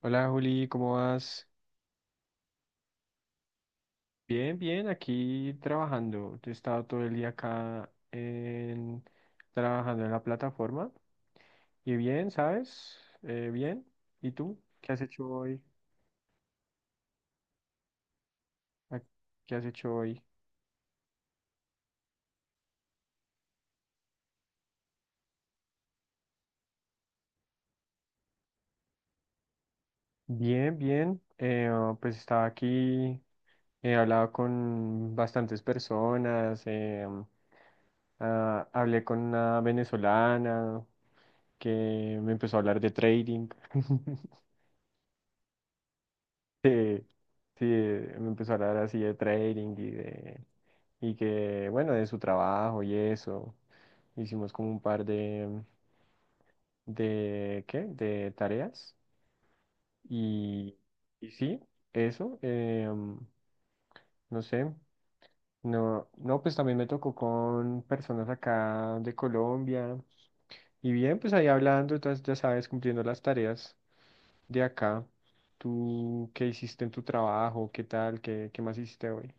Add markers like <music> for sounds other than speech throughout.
Hola Juli, ¿cómo vas? Bien, bien, aquí trabajando. He estado todo el día trabajando en la plataforma. Y bien, ¿sabes? Bien. ¿Y tú? ¿Qué has hecho hoy? ¿A- ¿Qué has hecho hoy? Bien, bien. Pues estaba aquí, he hablado con bastantes personas. Hablé con una venezolana que me empezó a hablar de trading. <laughs> Sí, sí, me empezó a hablar así de trading, y bueno, de su trabajo y eso. Hicimos como un par de ¿qué? De tareas. Y, y sí, eso, no sé, no, pues también me tocó con personas acá de Colombia. Y bien, pues ahí hablando, entonces ya sabes, cumpliendo las tareas de acá. ¿Tú qué hiciste en tu trabajo? ¿Qué tal? ¿Qué más hiciste hoy?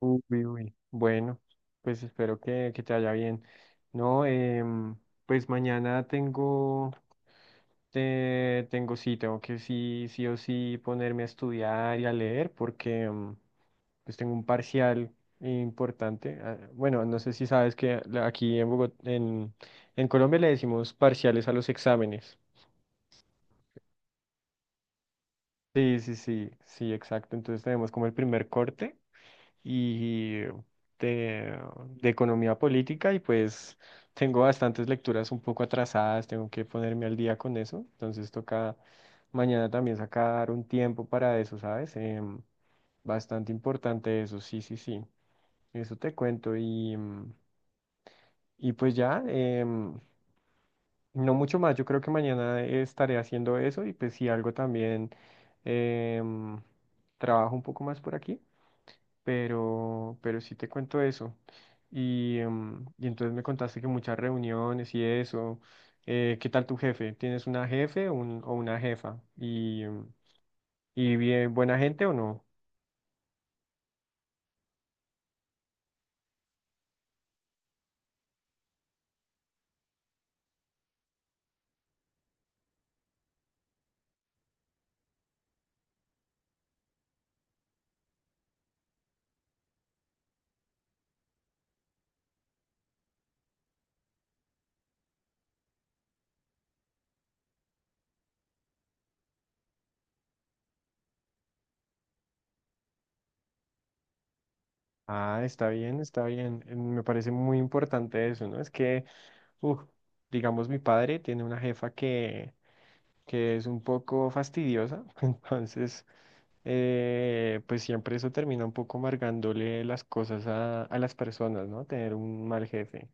Uy, uy, bueno, pues espero que te vaya bien. No, pues mañana tengo que sí, sí o sí ponerme a estudiar y a leer porque pues tengo un parcial importante. Ah, bueno, no sé si sabes que aquí en Bogotá, en Colombia le decimos parciales a los exámenes. Sí, sí, sí, sí, exacto. Entonces tenemos como el primer corte. y de, de economía política y pues tengo bastantes lecturas un poco atrasadas, tengo que ponerme al día con eso, entonces toca mañana también sacar un tiempo para eso, ¿sabes? Bastante importante eso, sí, sí, sí, eso te cuento y, y pues ya, no mucho más, yo creo que mañana estaré haciendo eso y pues si algo también em, trabajo un poco más por aquí. Pero sí te cuento eso. Y entonces me contaste que muchas reuniones y eso. ¿Qué tal tu jefe? ¿Tienes una jefe o una jefa? ¿Y bien, buena gente o no? Ah, está bien, está bien. Me parece muy importante eso, ¿no? Es que, uf, digamos, mi padre tiene una jefa que es un poco fastidiosa, <laughs> entonces pues siempre eso termina un poco amargándole las cosas a las personas, ¿no? Tener un mal jefe.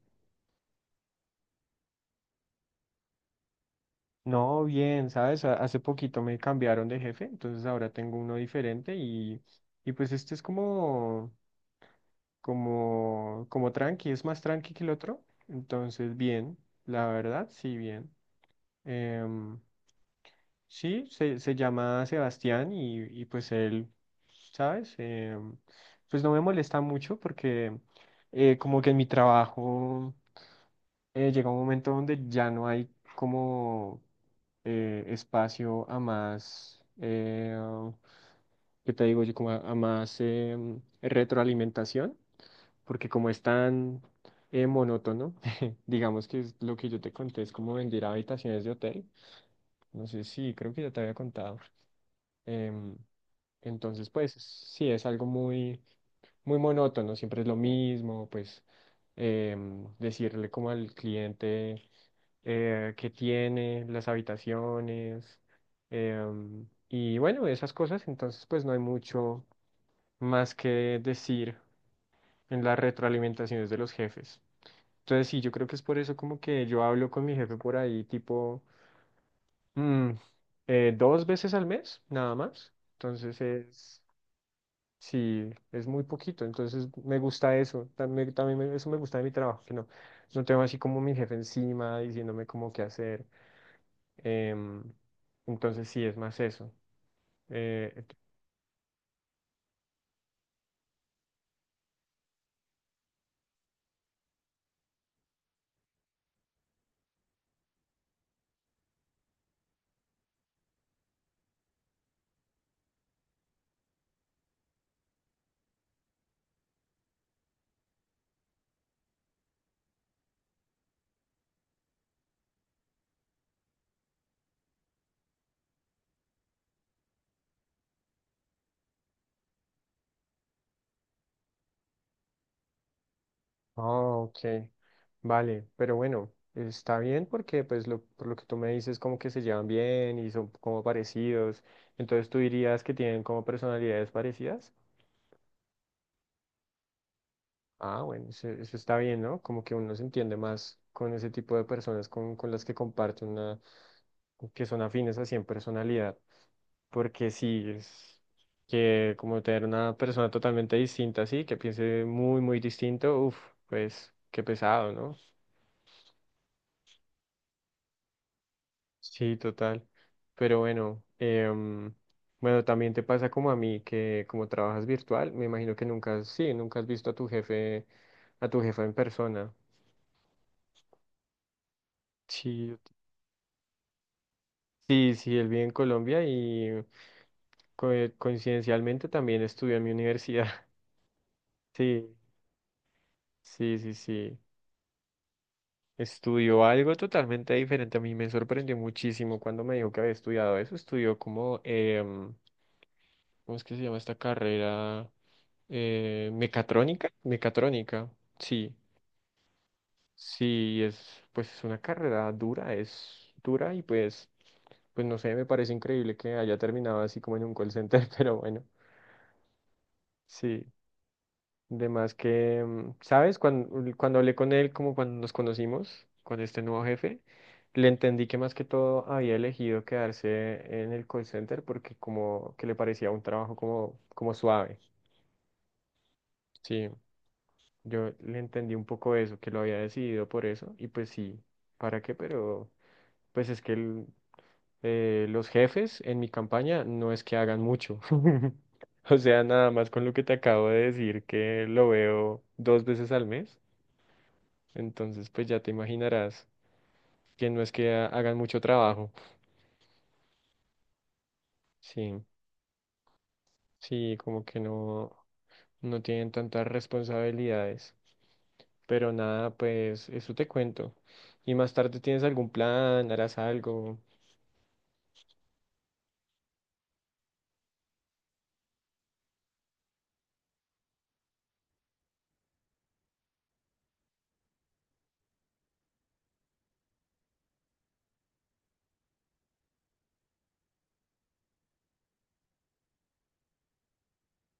No, bien, ¿sabes? Hace poquito me cambiaron de jefe, entonces ahora tengo uno diferente y pues este es como tranqui, es más tranqui que el otro. Entonces, bien, la verdad, sí, bien. Em, Sí, se llama Sebastián y pues él, ¿sabes? Pues no me molesta mucho porque como que en mi trabajo llega un momento donde ya no hay como espacio a más, ¿qué te digo yo? Como a más retroalimentación, porque como es tan monótono, <laughs> digamos que es lo que yo te conté, es como vender habitaciones de hotel. No sé, si creo que ya te había contado. em, Entonces, pues sí, es algo muy, muy monótono, siempre es lo mismo, pues decirle como al cliente qué tiene, las habitaciones, em, y bueno, esas cosas, entonces pues no hay mucho más que decir en las retroalimentaciones de los jefes. Entonces sí, yo creo que es por eso como que yo hablo con mi jefe por ahí tipo mm, dos veces al mes, nada más. Entonces es... Sí, es muy poquito, entonces me gusta eso, también, eso me gusta de mi trabajo, que no, no tengo así como mi jefe encima diciéndome como qué hacer, em, entonces sí, es más eso. Eh, oh, ok, vale, pero bueno, está bien porque pues por lo que tú me dices, como que se llevan bien y son como parecidos, entonces tú dirías que tienen como personalidades parecidas. Ah, bueno, eso está bien, ¿no? Como que uno se entiende más con ese tipo de personas con las que comparte una, que son afines así en personalidad, porque sí, es que como tener una persona totalmente distinta, así, que piense muy, muy distinto, uff, pues qué pesado, ¿no? Sí, total. Pero bueno, bueno, también te pasa como a mí, que como trabajas virtual, me imagino que nunca, has- sí, nunca has visto a tu jefe, a tu jefa en persona. Sí, él vive en Colombia y co- coincidencialmente también estudió en mi universidad. <laughs> Sí, sí, sí, sí. Estudió algo totalmente diferente. A mí me sorprendió muchísimo cuando me dijo que había estudiado eso. Estudió como, ¿cómo es que se llama esta carrera? Mecatrónica. Mecatrónica, sí. Sí, es, pues es una carrera dura, es dura y pues, pues no sé, me parece increíble que haya terminado así como en un call center, <laughs> pero bueno, sí. De más que, ¿sabes? Cuando hablé con él, como cuando nos conocimos, con este nuevo jefe, le entendí que más que todo había elegido quedarse en el call center porque como que le parecía un trabajo como suave. Sí, yo le entendí un poco eso, que lo había decidido por eso, y pues sí, ¿para qué? Pero pues es que el- los jefes en mi campaña no es que hagan mucho. <laughs> O sea, nada más con lo que te acabo de decir, que lo veo dos veces al mes. Entonces, pues ya te imaginarás que no es que hagan mucho trabajo. Sí, sí, como que no, no tienen tantas responsabilidades. Pero nada, pues eso te cuento. Y más tarde, ¿tienes algún plan? ¿Harás algo?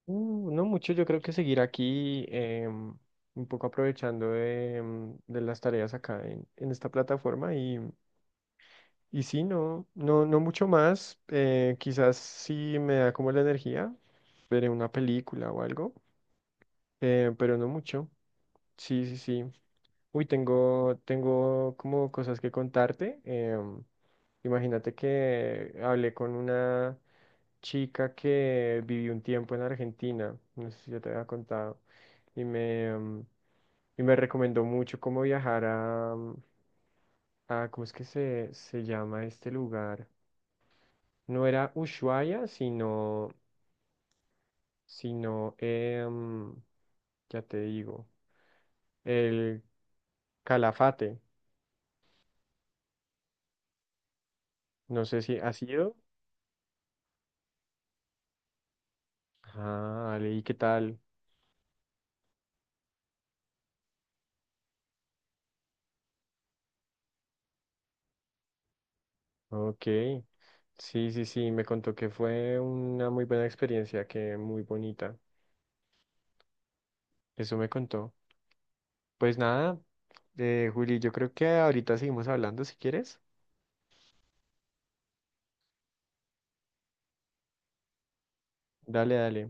No mucho, yo creo que seguir aquí, un poco aprovechando de las tareas acá en esta plataforma. Y sí, no mucho más. Quizás si me da como la energía, veré una película o algo. Pero no mucho. Sí, sí, sí. Uy, tengo como cosas que contarte. Imagínate que hablé con una chica que vivió un tiempo en Argentina, no sé si yo te había contado, y me, em, y me recomendó mucho cómo viajar a ¿cómo es que se llama este lugar? No era Ushuaia, sino, ya te digo. El Calafate. No sé si ha sido. Ah, vale, ¿y qué tal? Ok. Sí, sí, sí, me contó que fue una muy buena experiencia, que muy bonita. Eso me contó. Pues nada, Juli, yo creo que ahorita seguimos hablando si quieres. Dale, dale.